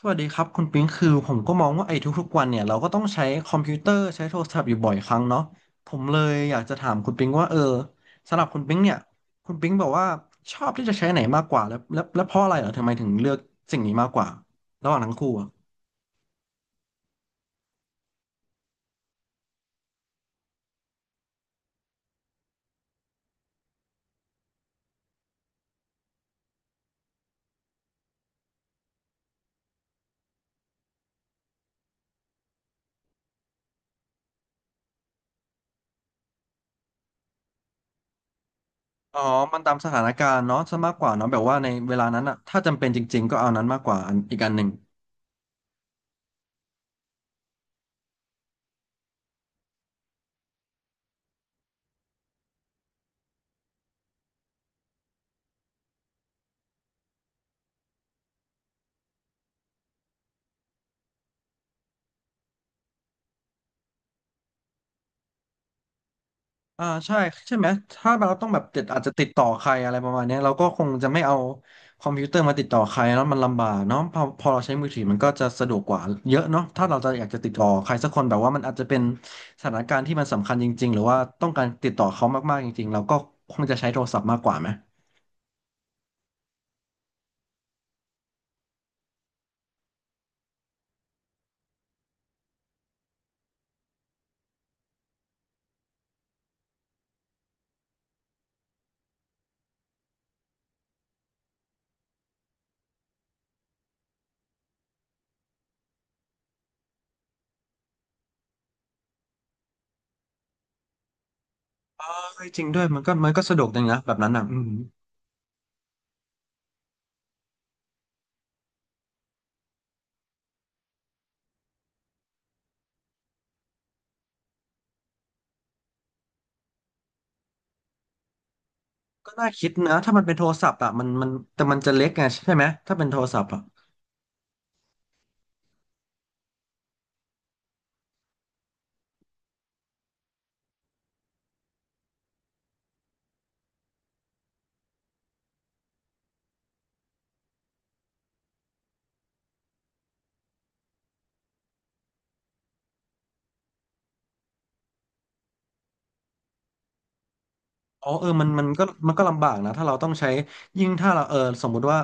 สวัสดีครับคุณปิ๊งคือผมก็มองว่าไอ้ทุกๆวันเนี่ยเราก็ต้องใช้คอมพิวเตอร์ใช้โทรศัพท์อยู่บ่อยครั้งเนาะผมเลยอยากจะถามคุณปิ๊งว่าสำหรับคุณปิ๊งเนี่ยคุณปิ๊งบอกว่าชอบที่จะใช้ไหนมากกว่าแล้วเพราะอะไรเหรอทำไมถึงเลือกสิ่งนี้มากกว่าระหว่างทั้งคู่อะอ๋อมันตามสถานการณ์เนาะซะมากกว่าเนาะแบบว่าในเวลานั้นอะถ้าจำเป็นจริงๆก็เอานั้นมากกว่าอันอีกอันหนึ่ง อ่าใช่ใช่ไหมถ้าเราต้องแบบติดอาจจะติดต่อใครอะไรประมาณเนี้ยเราก็คงจะไม่เอาคอมพิวเตอร์มาติดต่อใครแล้วมันลำบากเนาะพอเราใช้มือถือมันก็จะสะดวกกว่าเยอะเนาะถ้าเราจะอยากจะติดต่อใครสักคนแบบว่ามันอาจจะเป็นสถานการณ์ที่มันสำคัญจริงๆหรือว่าต้องการติดต่อเขามากๆจริงๆเราก็คงจะใช้โทรศัพท์มากกว่าไหมเออจริงด้วยมันก็สะดวกจริงนะแบบนั้นอ่ะอืมก็น่าคิดนะถ้ามันเป็นโทรศัพท์อ่ะมันแต่มันจะเล็กไงใช่ไหมถ้าเป็นโทรศัพท์อ่ะ อ๋อเออมันก็ลำบากนะถ้าเราต้องใช้ยิ่งถ้าเราสมมุติว่า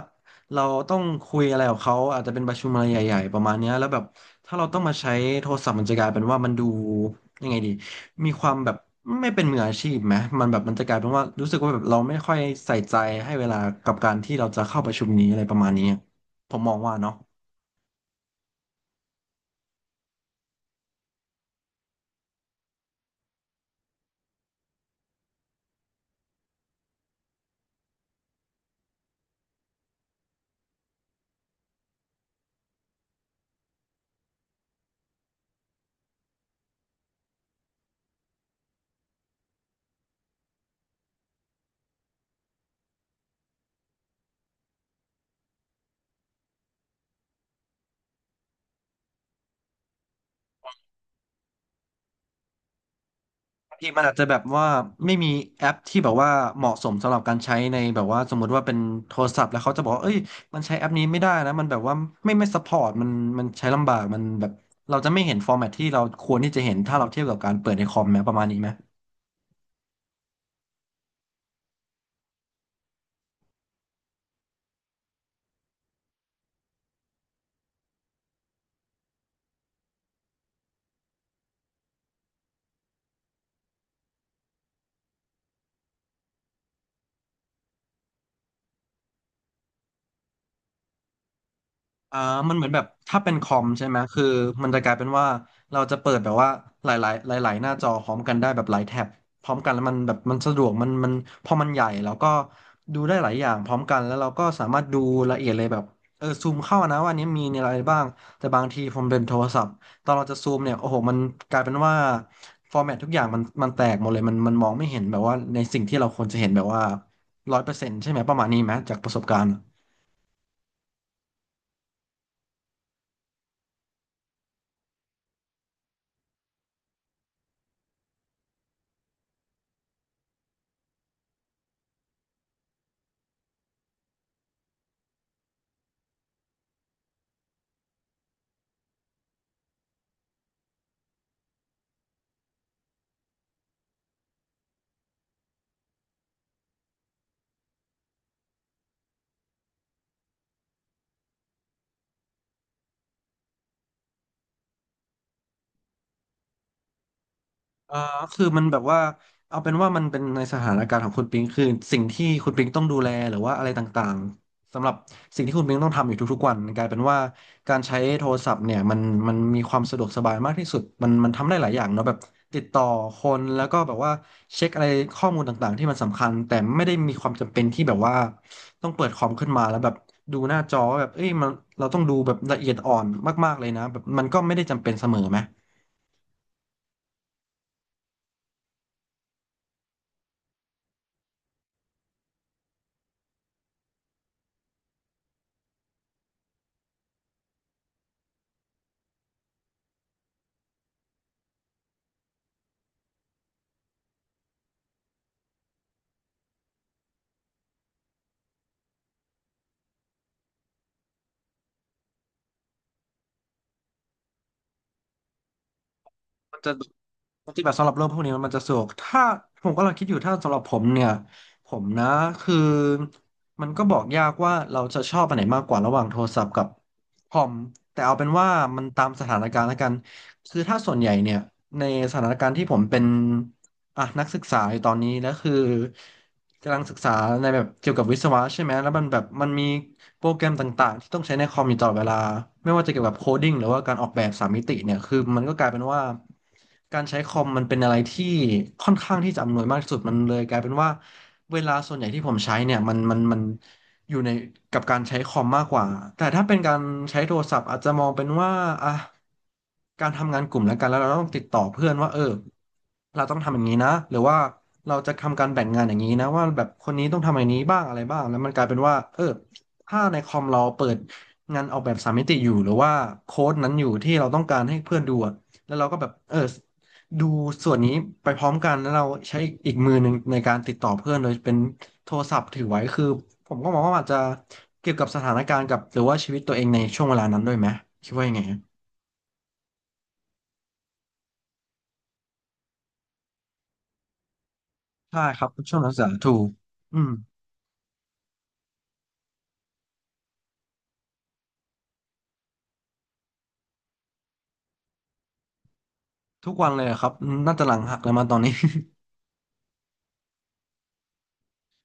เราต้องคุยอะไรกับเขาอาจจะเป็นประชุมอะไรใหญ่ๆประมาณเนี้ยแล้วแบบถ้าเราต้องมาใช้โทรศัพท์มันจะกลายเป็นว่ามันดูยังไงดีมีความแบบไม่เป็นมืออาชีพไหมมันแบบมันจะกลายเป็นว่ารู้สึกว่าแบบเราไม่ค่อยใส่ใจให้เวลากับการที่เราจะเข้าประชุมนี้อะไรประมาณนี้ผมมองว่าเนาะ ทีมมันอาจจะแบบว่าไม่มีแอปที่แบบว่าเหมาะสมสำหรับการใช้ในแบบว่าสมมุติว่าเป็นโทรศัพท์แล้วเขาจะบอกว่าเอ้ยมันใช้แอปนี้ไม่ได้นะมันแบบว่าไม่ซัพพอร์ตมันมันใช้ลำบากมันแบบเราจะไม่เห็นฟอร์แมตที่เราควรที่จะเห็นถ้าเราเทียบกับการเปิดในคอมไหมประมาณนี้ไหม อ่ามันเหมือนแบบถ้าเป็นคอมใช่ไหมคือมันจะกลายเป็นว่าเราจะเปิดแบบว่าหลายๆหลายๆหน้าจอพร้อมกันได้แบบหลายแท็บพร้อมกันแล้วมันแบบมันสะดวกมันพอมันใหญ่แล้วก็ดูได้หลายอย่างพร้อมกันแล้วเราก็สามารถดูละเอียดเลยแบบเออซูมเข้านะว่าอันนี้มีอะไรบ้างแต่บางทีผมเป็นโทรศัพท์ตอนเราจะซูมเนี่ยโอ้โหมันกลายเป็นว่าฟอร์แมตทุกอย่างมันแตกหมดเลยมันมองไม่เห็นแบบว่าในสิ่งที่เราควรจะเห็นแบบว่า100%ใช่ไหมประมาณนี้ไหมจากประสบการณ์ อ่าคือมันแบบว่าเอาเป็นว่ามันเป็นในสถานการณ์ของคุณปิงคือสิ่งที่คุณปิงต้องดูแลหรือว่าอะไรต่างๆสำหรับสิ่งที่คุณปิงต้องทำอยู่ทุกๆวันกลายเป็นว่าการใช้โทรศัพท์เนี่ยมันมีความสะดวกสบายมากที่สุดมันทำได้หลายอย่างเนาะแบบติดต่อคนแล้วก็แบบว่าเช็คอะไรข้อมูลต่างๆที่มันสำคัญแต่ไม่ได้มีความจำเป็นที่แบบว่าต้องเปิดคอมขึ้นมาแล้วแบบดูหน้าจอว่าแบบเอ้ยมันเราต้องดูแบบละเอียดอ่อนมากๆเลยนะแบบมันก็ไม่ได้จำเป็นเสมอไหมมันจะ ปฏิบัติสำหรับเรื่องพวกนี้มันจะสะดวกถ้าผมกำลังคิดอยู่ถ้าสำหรับผมเนี่ยผมนะคือมันก็บอกยากว่าเราจะชอบอันไหนมากกว่าระหว่างโทรศัพท์กับคอมแต่เอาเป็นว่ามันตามสถานการณ์แล้วกันคือถ้าส่วนใหญ่เนี่ยในสถานการณ์ที่ผมเป็น อ่ะนักศึกษาอยู่ตอนนี้แล้วคือกำลังศึกษาในแบบเกี่ยวกับวิศวะใช่ไหมแล้วมันแบบมันมีโปรแกรมต่างๆที่ต้องใช้ในคอมอยู่ตลอดเวลาไม่ว่าจะเกี่ยวกับโคดิ้งหรือว่าการออกแบบสามมิติเนี่ยคือมันก็กลายเป็นว่าการใช้คอมมันเป็นอะไรที่ค่อนข้างที่จะอำนวยมากที่สุดมันเลยกลายเป็นว่าเวลาส่วนใหญ่ที่ผมใช้เนี่ยมัน อยู่ในกับการใช้คอมมากกว่าแต่ถ้าเป็นการใช้โทรศัพท์อาจจะมองเป็นว่าอ่ะการทำงานกลุ่มแล้วกันแล้วเราต้องติดต่อเพื่อนว่าเออเราต้องทำอย่างนี้นะหรือว่าเราจะทำการแบ่งงานอย่างนี้นะว่าแบบคนนี้ต้องทำอย่างนี้บ้างอะไรบ้างแล้วมันกลายเป็นว่าเออถ้าในคอมเราเปิดงานออกแบบสามมิติอยู่หรือว่าโค้ดนั้นอยู่ที่เราต้องการให้เพื่อนดูอะแล้วเราก็แบบเออ ดูส่วนนี้ไปพร้อมกันแล้วเราใช้อีกมือหนึ่งในการติดต่อเพื่อนโดยเป็นโทรศัพท์ถือไว้คือผมก็มองว่าอาจจะเกี่ยวกับสถานการณ์กับหรือว่าชีวิตตัวเองในช่วงเวลานั้นด้วยไหมคิดว่ายังไงฮะใช่ครับช่วงนักศึกษาถูกอืมทุกวันเลยอะครับน่าจะหลังหักแล้วมาตอนนี้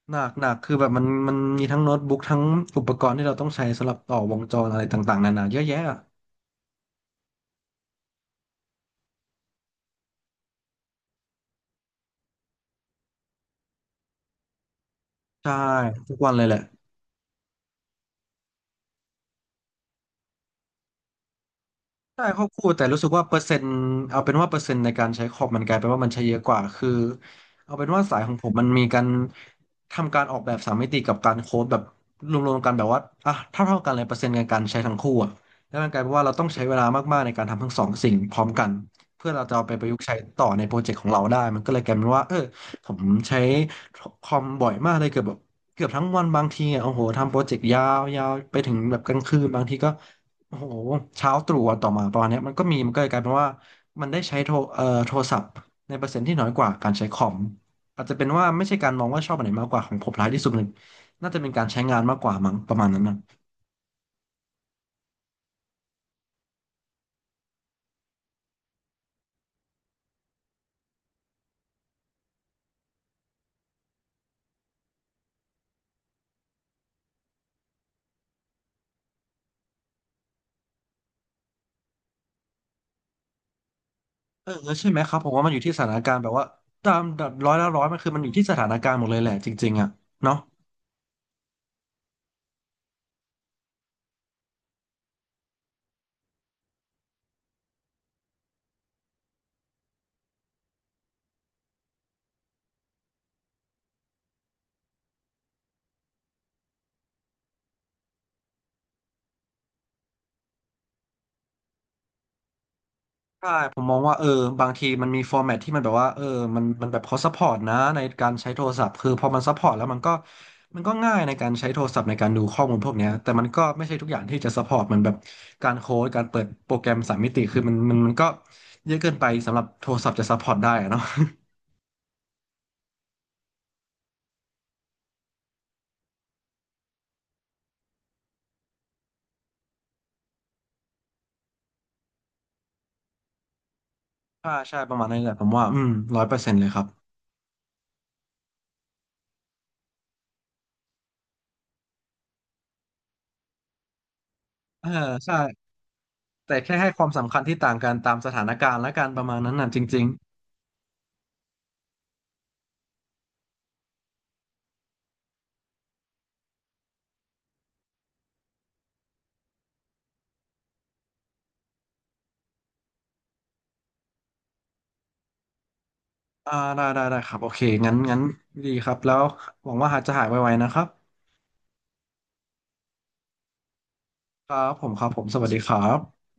หนักคือแบบมันมีทั้งโน้ตบุ๊กทั้งอุปกรณ์ที่เราต้องใช้สำหรับต่อวงจรอะไรต่างๆนานาเยอะแยะอะใช่ทุกวันเลยแหละ ใช่ควบคู่แต่รู้สึกว่าเปอร์เซ็นต์เอาเป็นว่าเปอร์เซ็นต์ในการใช้คอมมันกลายเป็นว่ามันใช้เยอะกว่าคือเอาเป็นว่าสายของผมมันมีการทำการออกแบบสามมิติกับการโค้ดแบบรวมๆกันแบบว่าอ่ะเท่ากันเลยเปอร์เซ็นต์ในการใช้ทั้งคู่อะแล้วมันกลายเป็นว่าเราต้องใช้เวลามากๆในการทำทั้งสองสิ่งพร้อมกันเพื่อเราจะเอาไปประยุกต์ใช้ต่อในโปรเจกต์ของเราได้มันก็เลยกลายเป็นว่าเออผมใช้คอมบ่อยมากเลยเกือบแบบเกือบทั้งวันบางทีอะโอ้โหทำโปรเจกต์ยาวๆไปถึงแบบกลางคืนบางทีก็ โอ้โหเช้าตรู่วันต่อมาประมาณเนี้ยมันก็มีมันก็เลยกลายเป็นว่ามันได้ใช้โทรโทรศัพท์ในเปอร์เซ็นต์ที่น้อยกว่าการใช้คอมอาจจะเป็นว่าไม่ใช่การมองว่าชอบอันไหนมากกว่าของผมร้ายที่สุดเลยน่าจะเป็นการใช้งานมากกว่ามั้งประมาณนั้นนะเออใช่ไหมครับผมว่ามันอยู่ที่สถานการณ์แบบว่าตามแบบร้อยละร้อยมันคือมันอยู่ที่สถานการณ์หมดเลยแหละจริงๆอ่ะเนาะ ใช่ผมมองว่าเออบางทีมันมีฟอร์แมตที่มันแบบว่าเออมันแบบเขาซัพพอร์ตนะในการใช้โทรศัพท์คือพอมันซัพพอร์ตแล้วมันก็ง่ายในการใช้โทรศัพท์ในการดูข้อมูลพวกเนี้ยแต่มันก็ไม่ใช่ทุกอย่างที่จะซัพพอร์ตเหมือนแบบการโค้ดการเปิดโปรแกรมสามมิติคือมันก็เยอะเกินไปสำหรับโทรศัพท์จะซัพพอร์ตได้อะเนาะ ใช่ประมาณนั้นแหละผมว่าอืมร้อยเปอร์เซ็นต์เลยครับเออใช่แต่แค่ให้ความสำคัญที่ต่างกันตามสถานการณ์และการประมาณนั้นน่ะจริง อ่าได้ครับโอเคงั้นดีครับแล้วหวังว่าหาจะหายไวๆนะครับครับผมครับผมสวัสดีครับ